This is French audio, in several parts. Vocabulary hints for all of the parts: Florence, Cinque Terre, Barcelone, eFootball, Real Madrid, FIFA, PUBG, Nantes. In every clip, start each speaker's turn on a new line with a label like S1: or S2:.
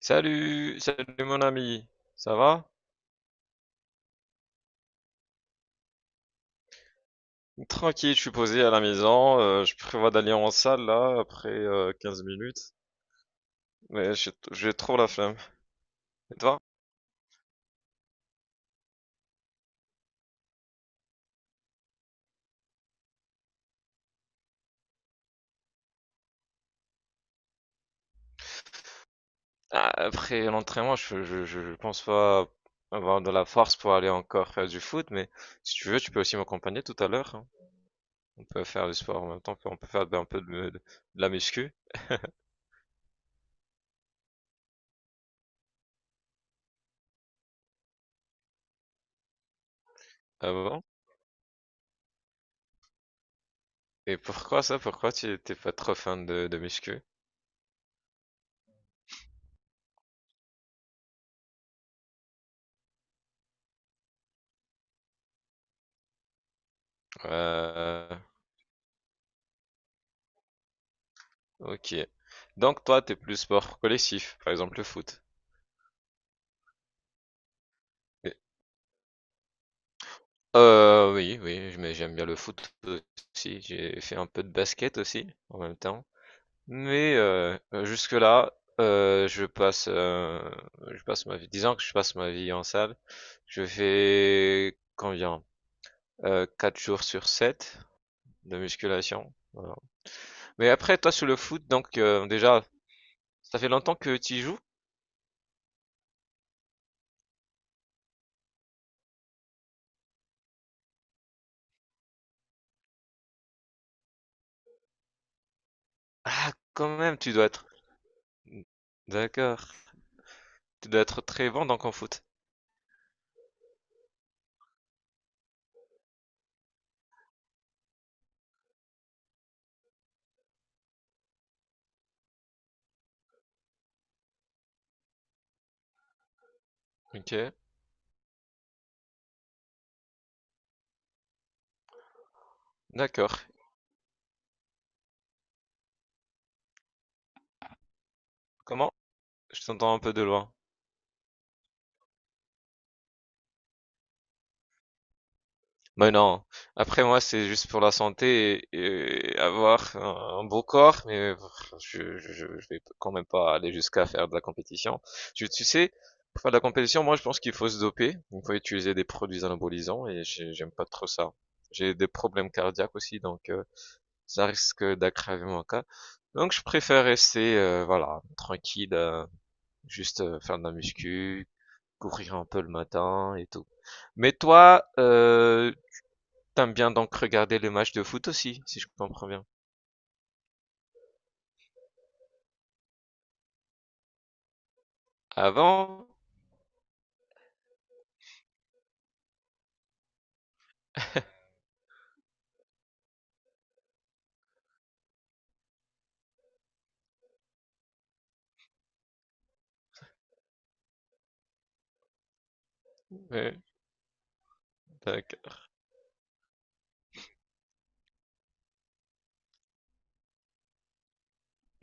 S1: Salut, salut mon ami, ça va? Tranquille, je suis posé à la maison, je prévois d'aller en salle là après 15 minutes, mais j'ai trop la flemme. Et toi? Ah, après l'entraînement, je pense pas avoir de la force pour aller encore faire du foot, mais si tu veux, tu peux aussi m'accompagner tout à l'heure, hein. On peut faire du sport en même temps, on peut faire un peu de la muscu avant. Et pourquoi ça? Pourquoi tu t'es pas trop fan de muscu? Euh, Ok. Donc toi, t'es plus sport collectif, par exemple le foot. Oui. Oui, oui, mais j'aime bien le foot aussi. J'ai fait un peu de basket aussi en même temps. Mais jusque-là, euh, je passe, euh, je passe ma vie. Disons que je passe ma vie en salle. Je fais combien? 4 jours sur 7 de musculation. Voilà. Mais après, toi sur le foot, donc déjà, ça fait longtemps que tu y joues? Ah, quand même, tu dois être. D'accord. Tu dois être très bon donc en foot. Ok, d'accord. Comment? Je t'entends un peu de loin. Mais non. Après moi, c'est juste pour la santé et avoir un beau corps, mais je vais quand même pas aller jusqu'à faire de la compétition. Tu sais, pour faire de la compétition, moi je pense qu'il faut se doper, il faut utiliser des produits anabolisants et j'aime pas trop ça. J'ai des problèmes cardiaques aussi, donc ça risque d'aggraver mon cas. Donc je préfère rester, voilà, tranquille, juste faire de la muscu, courir un peu le matin et tout. Mais toi, t'aimes bien donc regarder les matchs de foot aussi, si je comprends bien. Avant? Ouais, d'ac-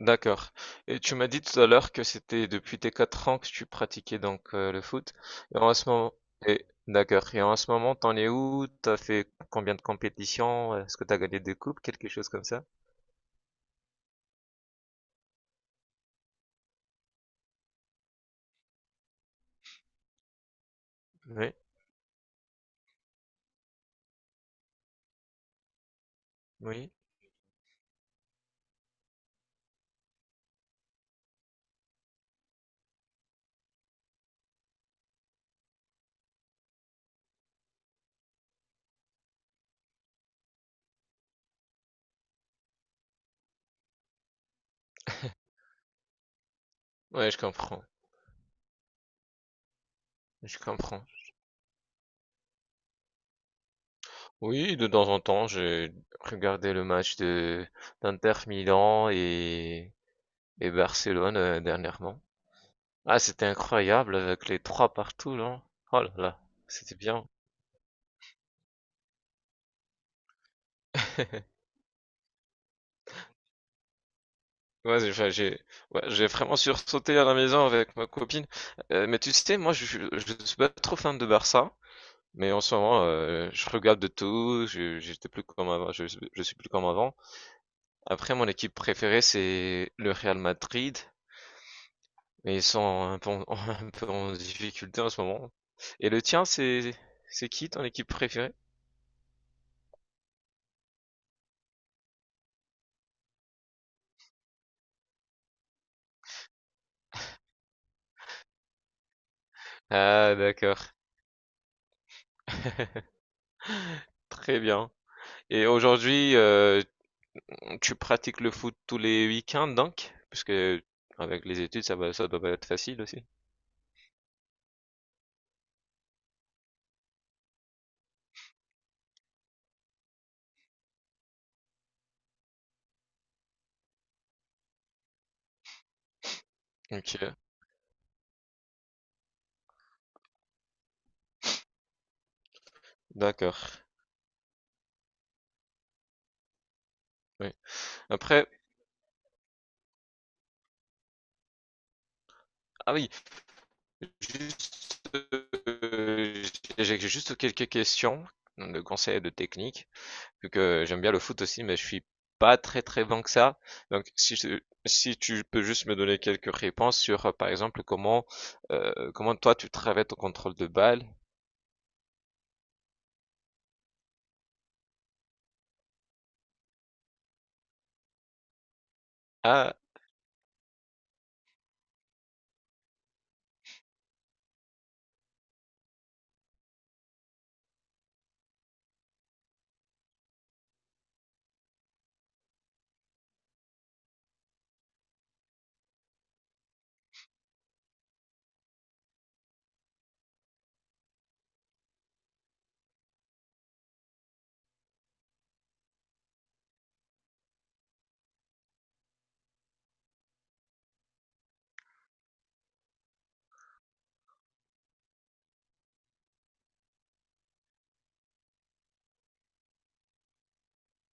S1: d'accord. Et tu m'as dit tout à l'heure que c'était depuis tes 4 ans que tu pratiquais donc le foot. Et en ce moment, et, d'accord. Et en ce moment, t'en es où? T'as fait combien de compétitions? Est-ce que t'as gagné des coupes? Quelque chose comme ça? Oui, oui. Ouais, je comprends. Je comprends. Oui, de temps en temps, j'ai regardé le match de d'Inter Milan et Barcelone dernièrement. Ah, c'était incroyable avec les trois partout, là. Oh là là, c'était bien. Ouais, j'ai, enfin, j'ai, ouais, j'ai vraiment sursauté à la maison avec ma copine. Mais tu sais, moi, je suis pas trop fan de Barça, mais en ce moment, je regarde de tout. J'étais plus comme avant, je suis plus comme avant. Après, mon équipe préférée, c'est le Real Madrid. Mais ils sont un peu en un peu en difficulté en ce moment. Et le tien, c'est qui ton équipe préférée? Ah d'accord, très bien. Et aujourd'hui, tu pratiques le foot tous les week-ends donc? Parce que avec les études, ça va, ça doit pas être facile aussi. Ok, d'accord. Oui. Après, ah oui, juste, j'ai juste quelques questions de conseils et de techniques. Vu que j'aime bien le foot aussi, mais je suis pas très très bon que ça. Donc si je- Si tu peux juste me donner quelques réponses sur, par exemple, comment comment toi tu travailles ton contrôle de balle. Ah,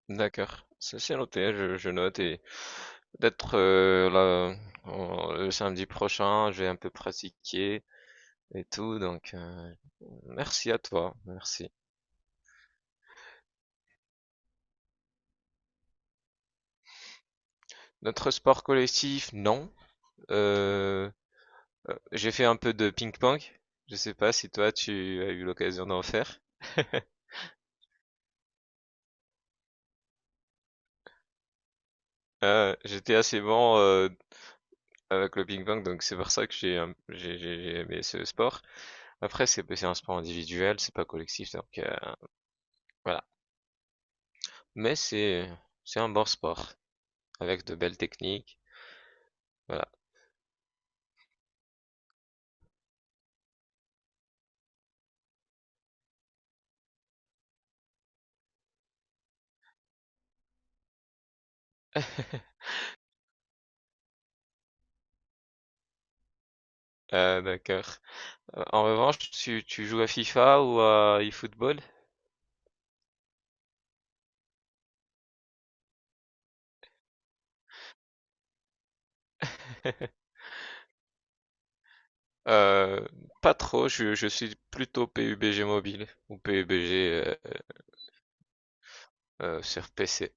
S1: d'accord. Ça c'est noté, je note et peut-être là, le samedi prochain, je vais un peu pratiquer et tout. Donc merci à toi, merci. Notre sport collectif, non. Euh, J'ai fait un peu de ping-pong. Je sais pas si toi tu as eu l'occasion d'en faire. J'étais assez bon avec le ping-pong, donc c'est pour ça que j'ai un- j'ai aimé ce sport. Après, c'est un sport individuel, c'est pas collectif, donc voilà. Mais c'est un bon sport avec de belles techniques. Voilà. Euh, d'accord. En revanche, tu joues à FIFA ou à eFootball? Euh, Pas trop, je suis plutôt PUBG mobile ou PUBG sur PC.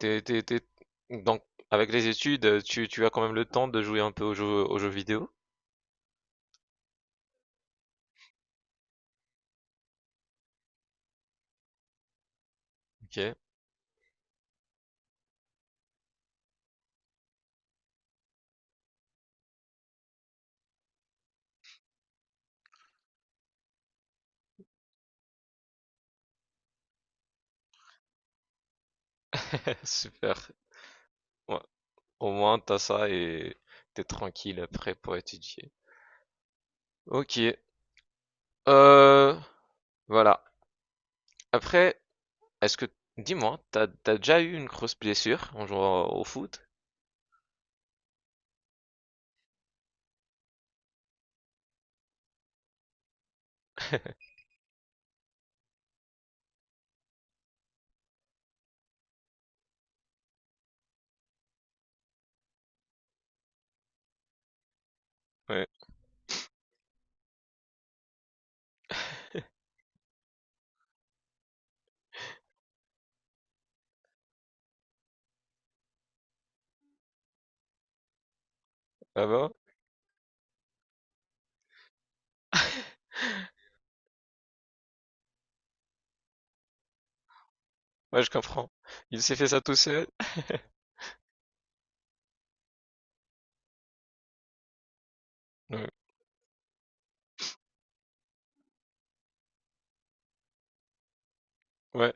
S1: T'es- t'es- t'es- Donc, avec les études, tu as quand même le temps de jouer un peu aux jeux vidéo. Ok, super. Ouais. Au moins, t'as ça et t'es tranquille après pour étudier. Ok, euh, voilà. Après, est-ce que, dis-moi, t'as déjà eu une grosse blessure en jouant au foot? Ouais. Ah bon? Ouais, je comprends. Il s'est fait ça tout seul? Ouais. Ouais.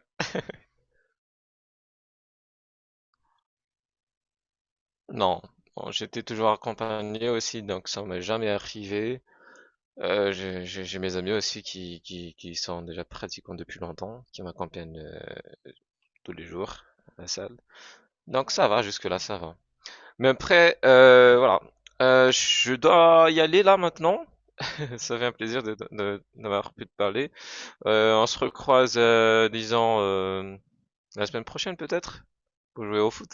S1: Non. Bon, j'étais toujours accompagné aussi, donc ça m'est jamais arrivé. J'ai mes amis aussi qui sont déjà pratiquants depuis longtemps, qui m'accompagnent tous les jours à la salle. Donc ça va, jusque-là, ça va. Mais après, voilà. Je dois y aller là maintenant. Ça fait un plaisir d'avoir pu te parler. On se recroise, disons, la semaine prochaine peut-être, pour jouer au foot.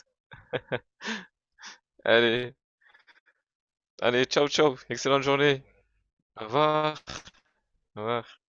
S1: Allez. Allez, ciao, ciao. Excellente journée. Au revoir. Au revoir.